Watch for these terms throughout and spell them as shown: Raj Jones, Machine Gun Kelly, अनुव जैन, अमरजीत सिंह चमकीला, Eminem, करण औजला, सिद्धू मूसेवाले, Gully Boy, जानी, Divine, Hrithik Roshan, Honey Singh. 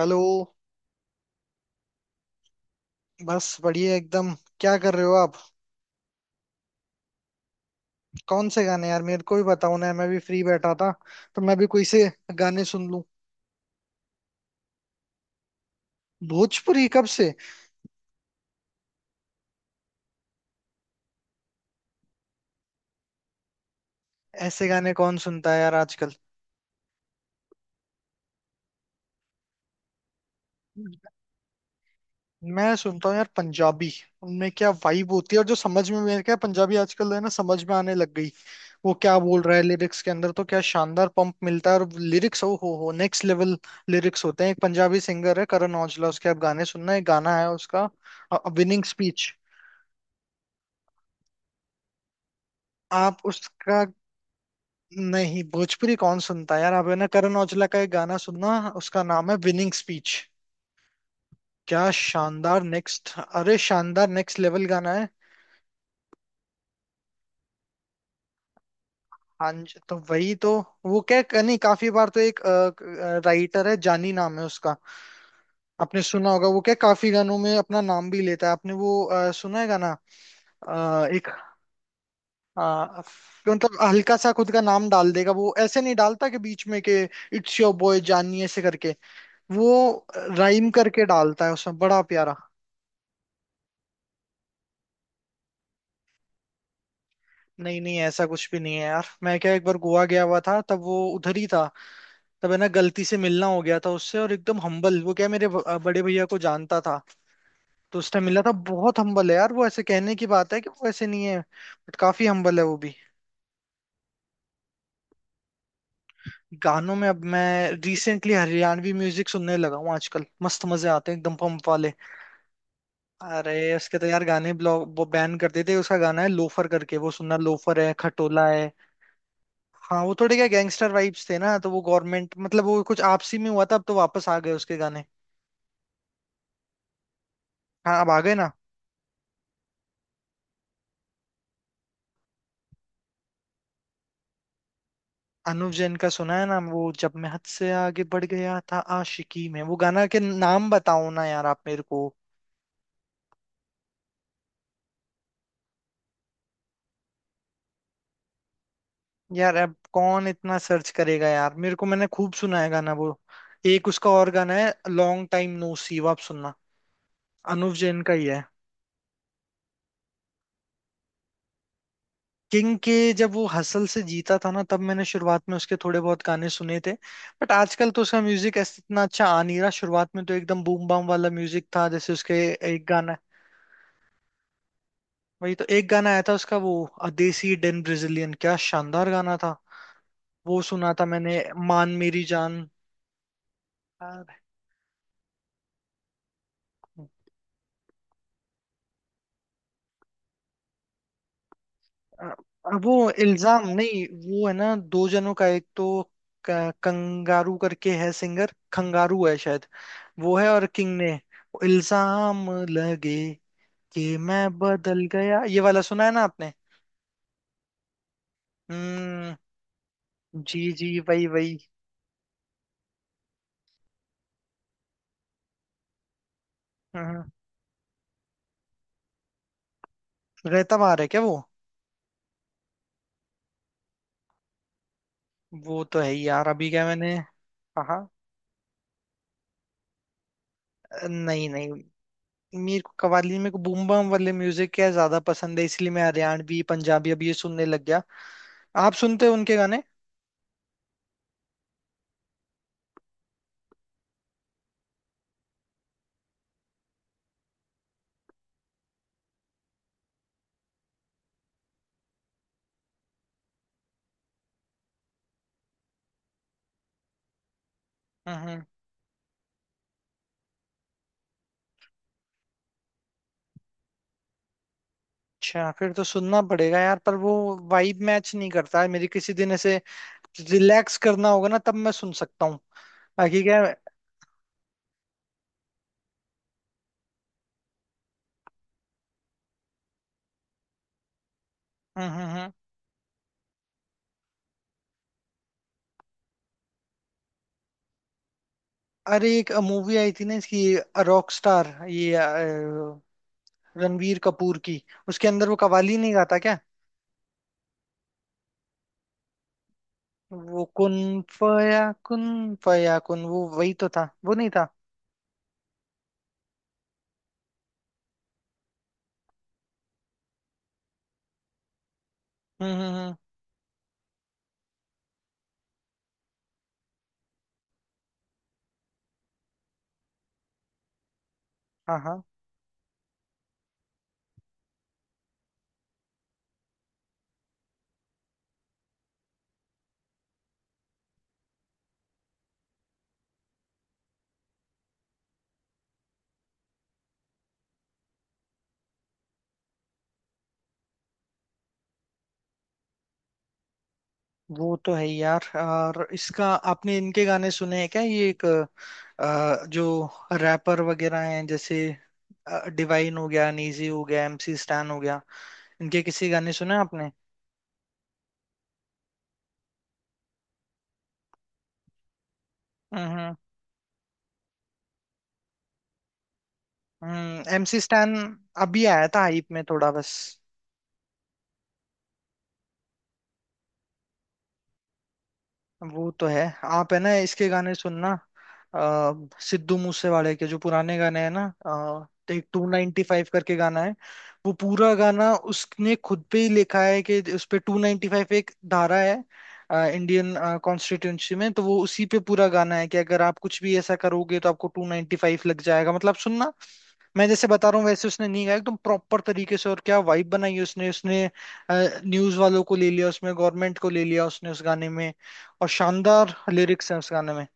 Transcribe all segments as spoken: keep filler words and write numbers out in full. Hello. बस बढ़िया एकदम। क्या कर रहे हो आप? कौन से गाने यार, मेरे को भी बताओ ना, मैं भी फ्री बैठा था तो मैं भी कोई से गाने सुन लूं। भोजपुरी कब से? ऐसे गाने कौन सुनता है यार आजकल? मैं सुनता हूँ यार पंजाबी। उनमें क्या वाइब होती है, और जो समझ में, मेरे क्या पंजाबी आजकल है ना समझ में आने लग गई। वो क्या बोल रहा है लिरिक्स के अंदर, तो क्या शानदार पंप मिलता है, और लिरिक्स ओ हो हो नेक्स्ट लेवल लिरिक्स होते हैं। एक पंजाबी सिंगर है करण औजला, उसके आप गाने सुनना। एक गाना है उसका, विनिंग स्पीच। आप उसका। नहीं, भोजपुरी कौन सुनता है यार। आप है ना करण औजला का एक गाना सुनना, उसका नाम है विनिंग स्पीच। क्या शानदार नेक्स्ट, अरे शानदार नेक्स्ट लेवल गाना है। हाँ जी, तो वही तो। वो क्या क- नहीं, काफी बार तो एक राइटर है, जानी नाम है उसका। आपने सुना होगा। वो क्या काफी गानों में अपना नाम भी लेता है। आपने वो अ, सुना है गाना? अ, एक अ, मतलब हल्का सा खुद का नाम डाल देगा। वो ऐसे नहीं डालता कि बीच में के इट्स योर बॉय जानी ऐसे करके। वो राइम करके डालता है, उसमें बड़ा प्यारा। नहीं नहीं, ऐसा कुछ भी नहीं है यार। मैं क्या एक बार गोवा गया हुआ था, तब वो उधर ही था। तब है ना गलती से मिलना हो गया था उससे, और एकदम हम्बल। वो क्या मेरे ब- अ, बड़े भैया को जानता था, तो उसने मिला था। बहुत हम्बल है यार वो। ऐसे कहने की बात है कि वो ऐसे नहीं है, बट काफी हम्बल है वो भी। गानों में अब मैं रिसेंटली हरियाणवी म्यूजिक सुनने लगा हूँ आजकल, मस्त मजे आते हैं एकदम पंप वाले। अरे उसके तो यार गाने ब्लॉक, वो बैन कर देते। उसका गाना है लोफर करके, वो सुनना। लोफर है, खटोला है। हाँ वो थोड़े क्या गैंगस्टर वाइब्स थे ना, तो वो गवर्नमेंट, मतलब वो कुछ आपसी में हुआ था। अब तो वापस आ गए उसके गाने। हाँ अब आ गए ना। अनुव जैन का सुना है ना, वो जब मैं हद से आगे बढ़ गया था आशिकी में, वो गाना के नाम बताओ ना यार आप मेरे को। यार अब कौन इतना सर्च करेगा यार, मेरे को मैंने खूब सुना है गाना वो। एक उसका और गाना है लॉन्ग टाइम नो सी, वो आप सुनना, अनुव जैन का ही है। किंग के। जब वो हसल से जीता था ना, तब मैंने शुरुआत में उसके थोड़े बहुत गाने सुने थे। बट आजकल तो उसका म्यूजिक ऐसे इतना अच्छा आ नहीं रहा। शुरुआत में तो एकदम बूम बाम वाला म्यूजिक था जैसे उसके। एक गाना, वही तो एक गाना आया था उसका, वो अदेसी डेन ब्रेजिलियन, क्या शानदार गाना था। वो सुना था मैंने। मान मेरी जान। अब वो इल्जाम नहीं, वो है ना दो जनों का, एक तो क- कंगारू करके है सिंगर, खंगारू है शायद। वो है, और किंग ने इल्जाम लगे कि मैं बदल गया, ये वाला सुना है ना आपने। हम्म। जी जी, वही वही। हम्म। रहता बाहर है क्या वो? वो तो है ही यार। अभी क्या मैंने हाँ हाँ। नहीं नहीं, मेरे को कव्वाली, मेरे को बूम बम वाले म्यूजिक क्या ज्यादा पसंद है, इसलिए मैं हरियाणवी पंजाबी अब ये सुनने लग गया। आप सुनते हो उनके गाने? हम्म। अच्छा, फिर तो सुनना पड़ेगा यार। पर वो वाइब मैच नहीं करता है मेरी, किसी दिन ऐसे रिलैक्स करना होगा ना तब मैं सुन सकता हूँ। बाकी क्या है- हम्म, हम्म, हम्म। अरे एक मूवी आई थी ना इसकी, रॉक स्टार, ये अ, रणवीर कपूर की। उसके अंदर वो कवाली नहीं गाता क्या? वो कुन फया कुन, फया कुन, वो वही तो था, वो नहीं था? हम्म, हम्म, हम्म। हाँ हाँ। वो तो है ही यार। और इसका आपने इनके गाने सुने हैं क्या, ये एक अ, जो रैपर वगैरह हैं, जैसे डिवाइन हो गया, नीजी हो गया, एमसी स्टैन हो गया, इनके किसी गाने सुने आपने? हम्म। हम्म। एमसी स्टैन अभी आया था हाइप में थोड़ा बस। वो तो है। आप है ना इसके गाने सुनना, आ, सिद्धू मूसेवाले के जो पुराने गाने हैं ना, अ, एक टू नाइनटी फाइव करके गाना है। वो पूरा गाना उसने खुद पे ही लिखा है, कि उस पे टू नाइनटी फाइव एक धारा है अ, इंडियन कॉन्स्टिट्यूंसी में। तो वो उसी पे पूरा गाना है कि अगर आप कुछ भी ऐसा करोगे तो आपको टू नाइनटी फाइव लग जाएगा मतलब, सुनना। मैं जैसे बता रहा हूँ वैसे उसने नहीं गाया, एकदम प्रॉपर तरीके से, और क्या वाइब बनाई है उसने उसने न्यूज वालों को ले लिया, उसमें गवर्नमेंट को ले लिया उसने उस गाने में। और शानदार लिरिक्स हैं उस गाने में।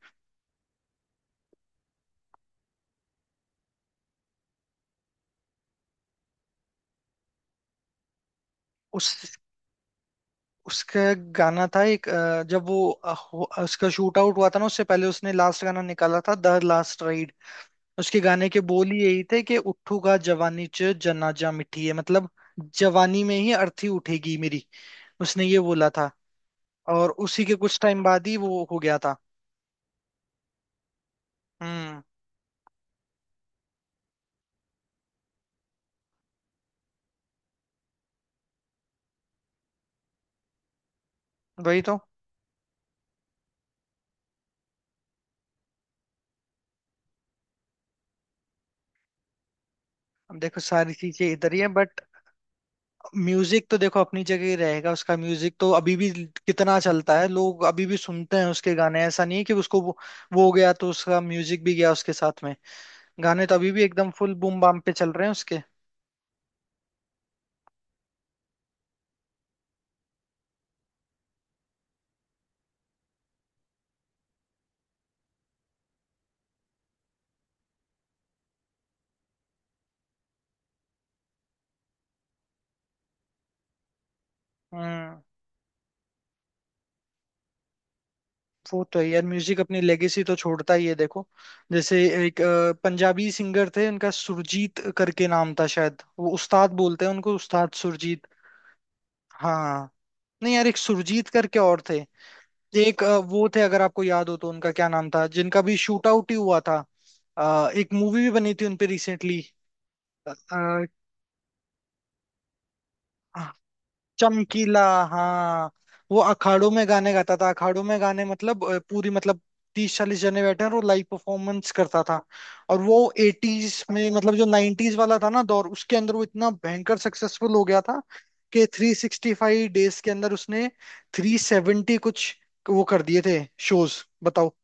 उस उसका गाना था एक, अ, जब वो अ, हो- उसका शूट आउट हुआ था ना, उससे पहले उसने लास्ट गाना निकाला था, द लास्ट राइड। उसके गाने के बोल ही यही थे कि उठूगा जवानी च जनाजा मिठी है, मतलब जवानी में ही अर्थी उठेगी मेरी। उसने ये बोला था। और उसी के कुछ टाइम बाद ही वो हो गया था। हम्म। वही तो। अब देखो सारी चीजें इधर ही है, बट म्यूजिक तो देखो अपनी जगह ही रहेगा। उसका म्यूजिक तो अभी भी कितना चलता है, लोग अभी भी सुनते हैं उसके गाने। ऐसा नहीं है कि उसको वो, वो हो गया तो उसका म्यूजिक भी गया उसके साथ में। गाने तो अभी भी एकदम फुल बूम बाम पे चल रहे हैं उसके। हम्म। वो तो है यार, म्यूजिक अपनी लेगेसी तो छोड़ता ही है। देखो जैसे एक अ, पंजाबी सिंगर थे, उनका सुरजीत करके नाम था शायद। वो उस्ताद बोलते हैं उनको, उस्ताद सुरजीत। हाँ। नहीं यार, एक सुरजीत करके और थे। एक अ, वो थे, अगर आपको याद हो तो, उनका क्या नाम था, जिनका भी शूट आउट ही हुआ था, अ, एक मूवी भी बनी थी उनपे रिसेंटली। चमकीला। हाँ वो अखाड़ों में गाने गाता था। अखाड़ों में गाने मतलब अ, पूरी मतलब तीस चालीस जने बैठे हैं, और वो लाइव परफॉर्मेंस करता था। और वो एटीज में, मतलब जो नाइन्टीज वाला था ना दौर, उसके अंदर वो इतना भयंकर सक्सेसफुल हो गया था कि थ्री सिक्सटी फाइव डेज के अंदर उसने थ्री सेवेंटी कुछ वो कर दिए थे शोज, बताओ।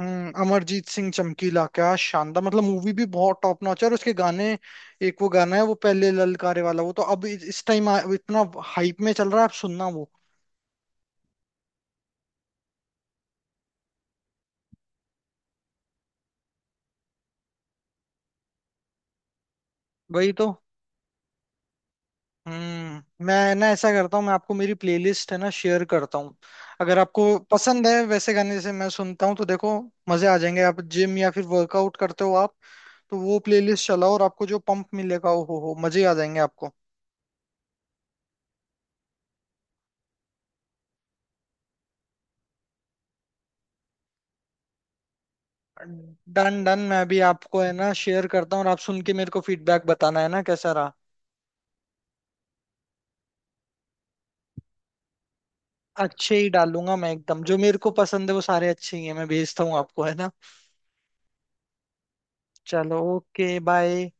हम्म। अमरजीत सिंह चमकीला, क्या शानदार, मतलब मूवी भी बहुत टॉप नॉच है, और उसके गाने। एक वो गाना है, वो पहले ललकारे वाला, वो तो अब इस इस टाइम आ- इतना हाइप में चल रहा है, आप सुनना वो। वही तो। हम्म। मैं ना ऐसा करता हूँ, मैं आपको मेरी प्लेलिस्ट है ना शेयर करता हूँ। अगर आपको पसंद है वैसे गाने जैसे मैं सुनता हूँ, तो देखो मजे आ जाएंगे। आप जिम या फिर वर्कआउट करते हो आप, तो वो प्लेलिस्ट चलाओ और आपको जो पंप मिलेगा, ओ हो हो मजे आ जाएंगे आपको। डन डन, मैं अभी आपको है ना शेयर करता हूँ, और आप सुन के मेरे को फीडबैक बताना है ना कैसा रहा। अच्छे ही डालूंगा मैं, एकदम जो मेरे को पसंद है वो सारे अच्छे ही हैं। मैं भेजता हूँ आपको है ना। चलो, ओके बाय।